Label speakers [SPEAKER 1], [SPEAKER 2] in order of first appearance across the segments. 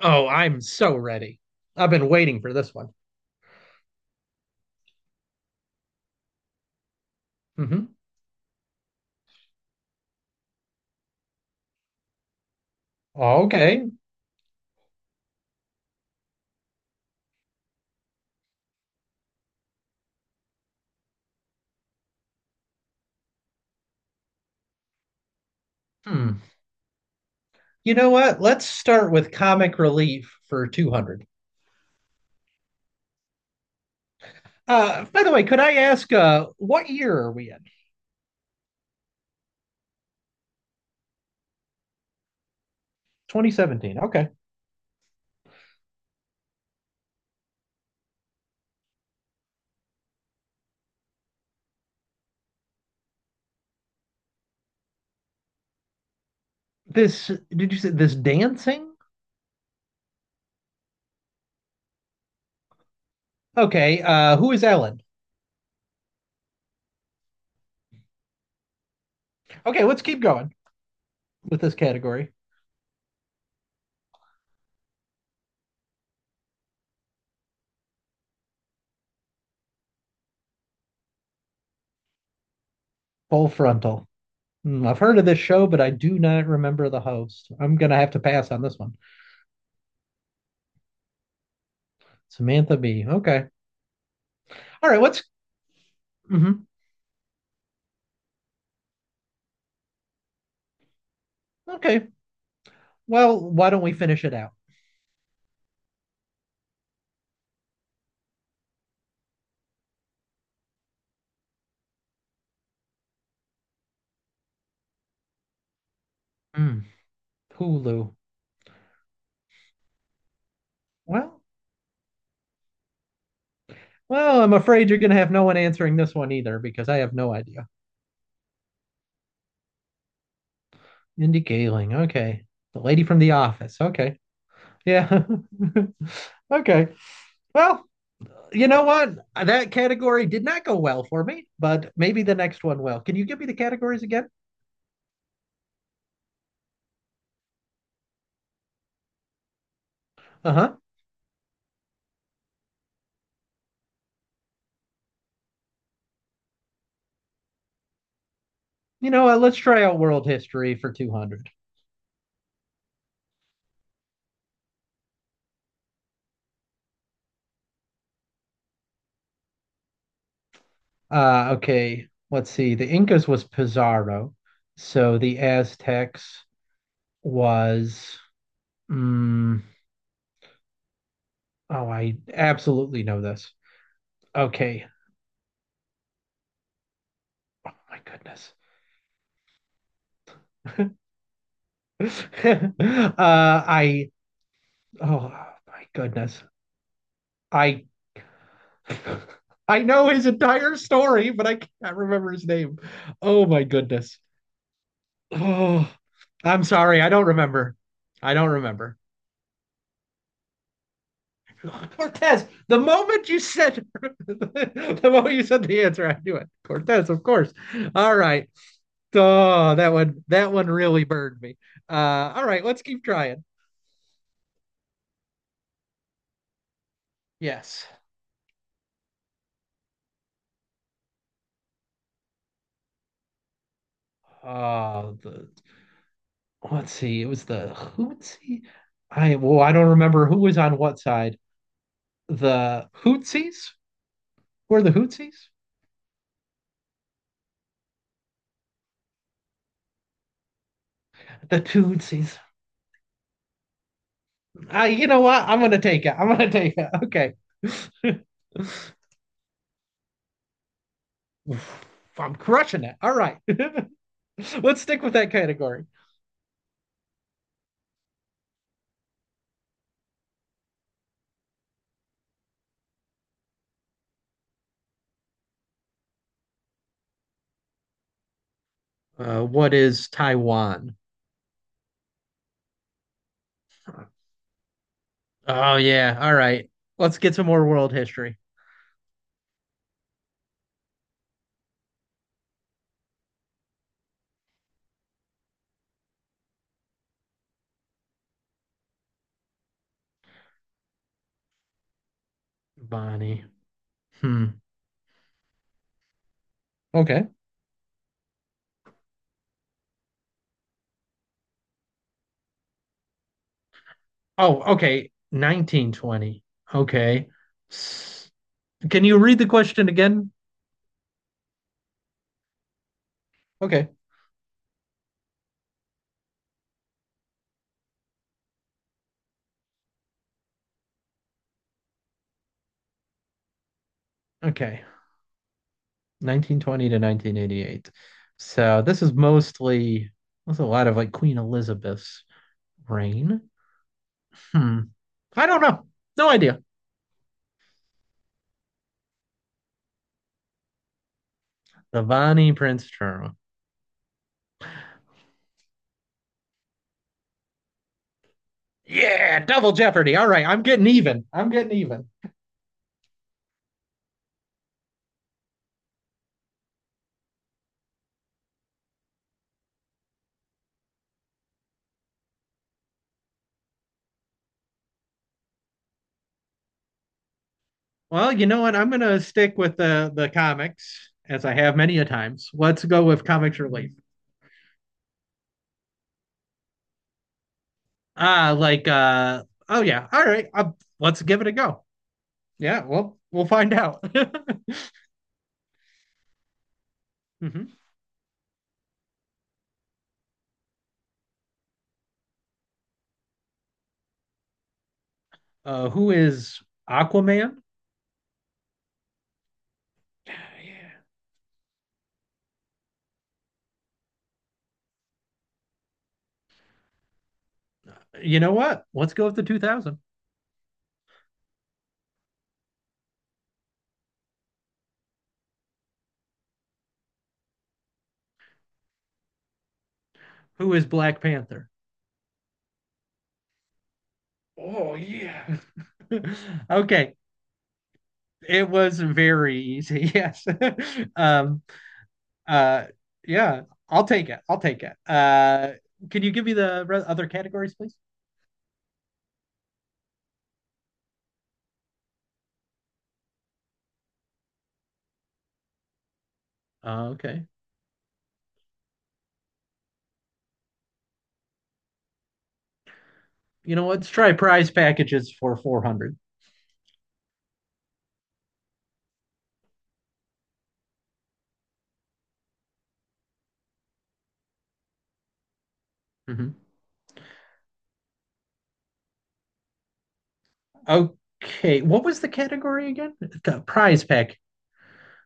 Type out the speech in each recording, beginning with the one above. [SPEAKER 1] Oh, I'm so ready. I've been waiting for this one. hmm Okay. Hmm. You know what? Let's start with comic relief for 200. By the way, could I ask what year are we in? 2017. Okay. This, did you say this dancing? Okay. Who is Ellen? Okay, let's keep going with this category. Full frontal. I've heard of this show, but I do not remember the host. I'm going to have to pass on this one. Samantha Bee. Okay. All right. Let's. Mhm. Okay. Well, why don't we finish it out? Mm, Hulu. Well, well, I'm afraid you're going to have no one answering this one either because I have no idea. Mindy Kaling. Okay. The lady from The Office. Okay. Yeah. okay. Well, you know what? That category did not go well for me, but maybe the next one will. Can you give me the categories again? Uh huh. You know what? Let's try out world history for 200. Okay. Let's see. The Incas was Pizarro. So the Aztecs was Mm, oh, I absolutely know this. Okay. Oh my goodness. I. Oh my goodness. I. I know his entire story, but I can't remember his name. Oh my goodness. Oh, I'm sorry. I don't remember. I don't remember. Cortez. The moment you said the moment you said the answer, I knew it. Cortez, of course. All right. Oh, that one really burned me. Uh, all right, let's keep trying. Yes. The let's see. It was the Hootsie. I well, I don't remember who was on what side. The Hootsies the Hootsies. The Tootsies. You know what? I'm gonna take it. I'm gonna take it. Okay. I'm crushing it. All right. Let's stick with that category. What is Taiwan? Oh yeah. All right. Let's get some more world history. Bonnie. Hmm. Okay. Oh, okay. 1920. Okay. S- Can you read the question again? Okay. Okay. 1920 to 1988. So this is mostly, there's a lot of like Queen Elizabeth's reign. Hmm. I don't know. No idea. The Prince drama. Yeah, double jeopardy. All right, I'm getting even. I'm getting even. Well, you know what? I'm gonna stick with the comics as I have many a times. Let's go with comics related. Ah, like uh oh yeah. All right. Let's give it a go. Yeah, well, we'll find out. Mhm. Who is Aquaman? Yeah, yeah. You know what? Let's go with the 2000. Who is Black Panther? Oh, yeah. Okay. It was very easy. Yes. Um uh yeah, I'll take it. I'll take it. Can you give me the other categories please? Okay. You know what? Let's try prize packages for 400. hmm Okay. What was the category again? The prize pack.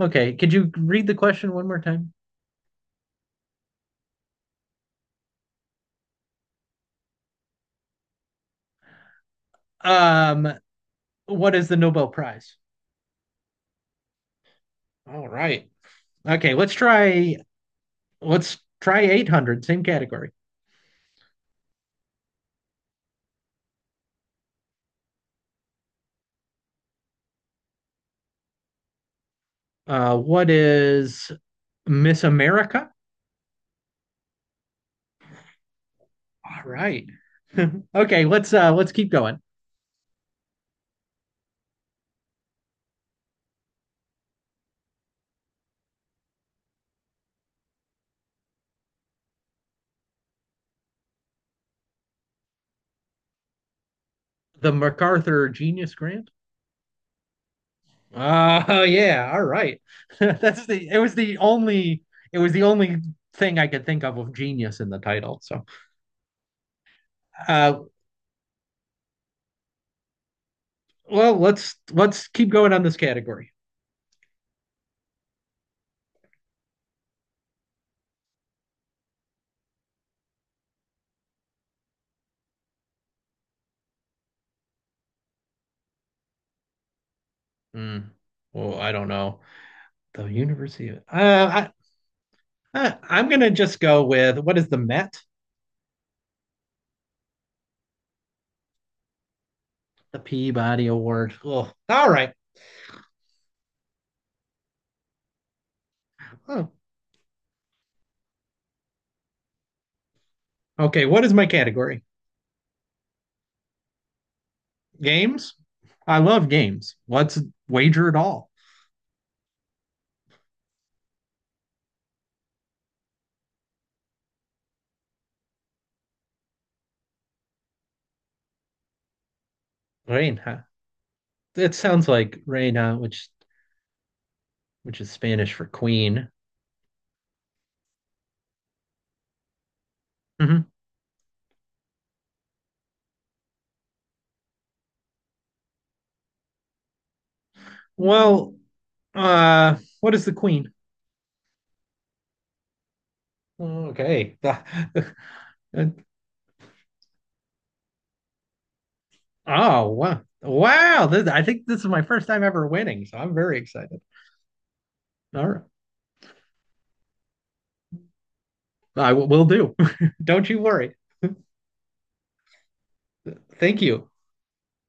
[SPEAKER 1] Okay. Could you read the question one more time? Um, what is the Nobel Prize? All right. Okay, let's try 800, same category. What is Miss America? All right. okay, let's keep going. The MacArthur Genius Grant. Oh yeah, all right. That's the it was the only thing I could think of with genius in the title. Uh well, let's keep going on this category. Hmm. Well, I don't know. The University of I I'm gonna just go with what is the Met? The Peabody Award. Oh, all right. Oh, okay. What is my category? Games. I love games. Let's wager it all. Reina. It sounds like reina, which is Spanish for queen. Mhm. Well, uh, what is the queen? Okay. Oh, wow. Wow. This, I think this is my first time ever winning, so I'm very excited. All right. I will do. Don't you worry. Thank you.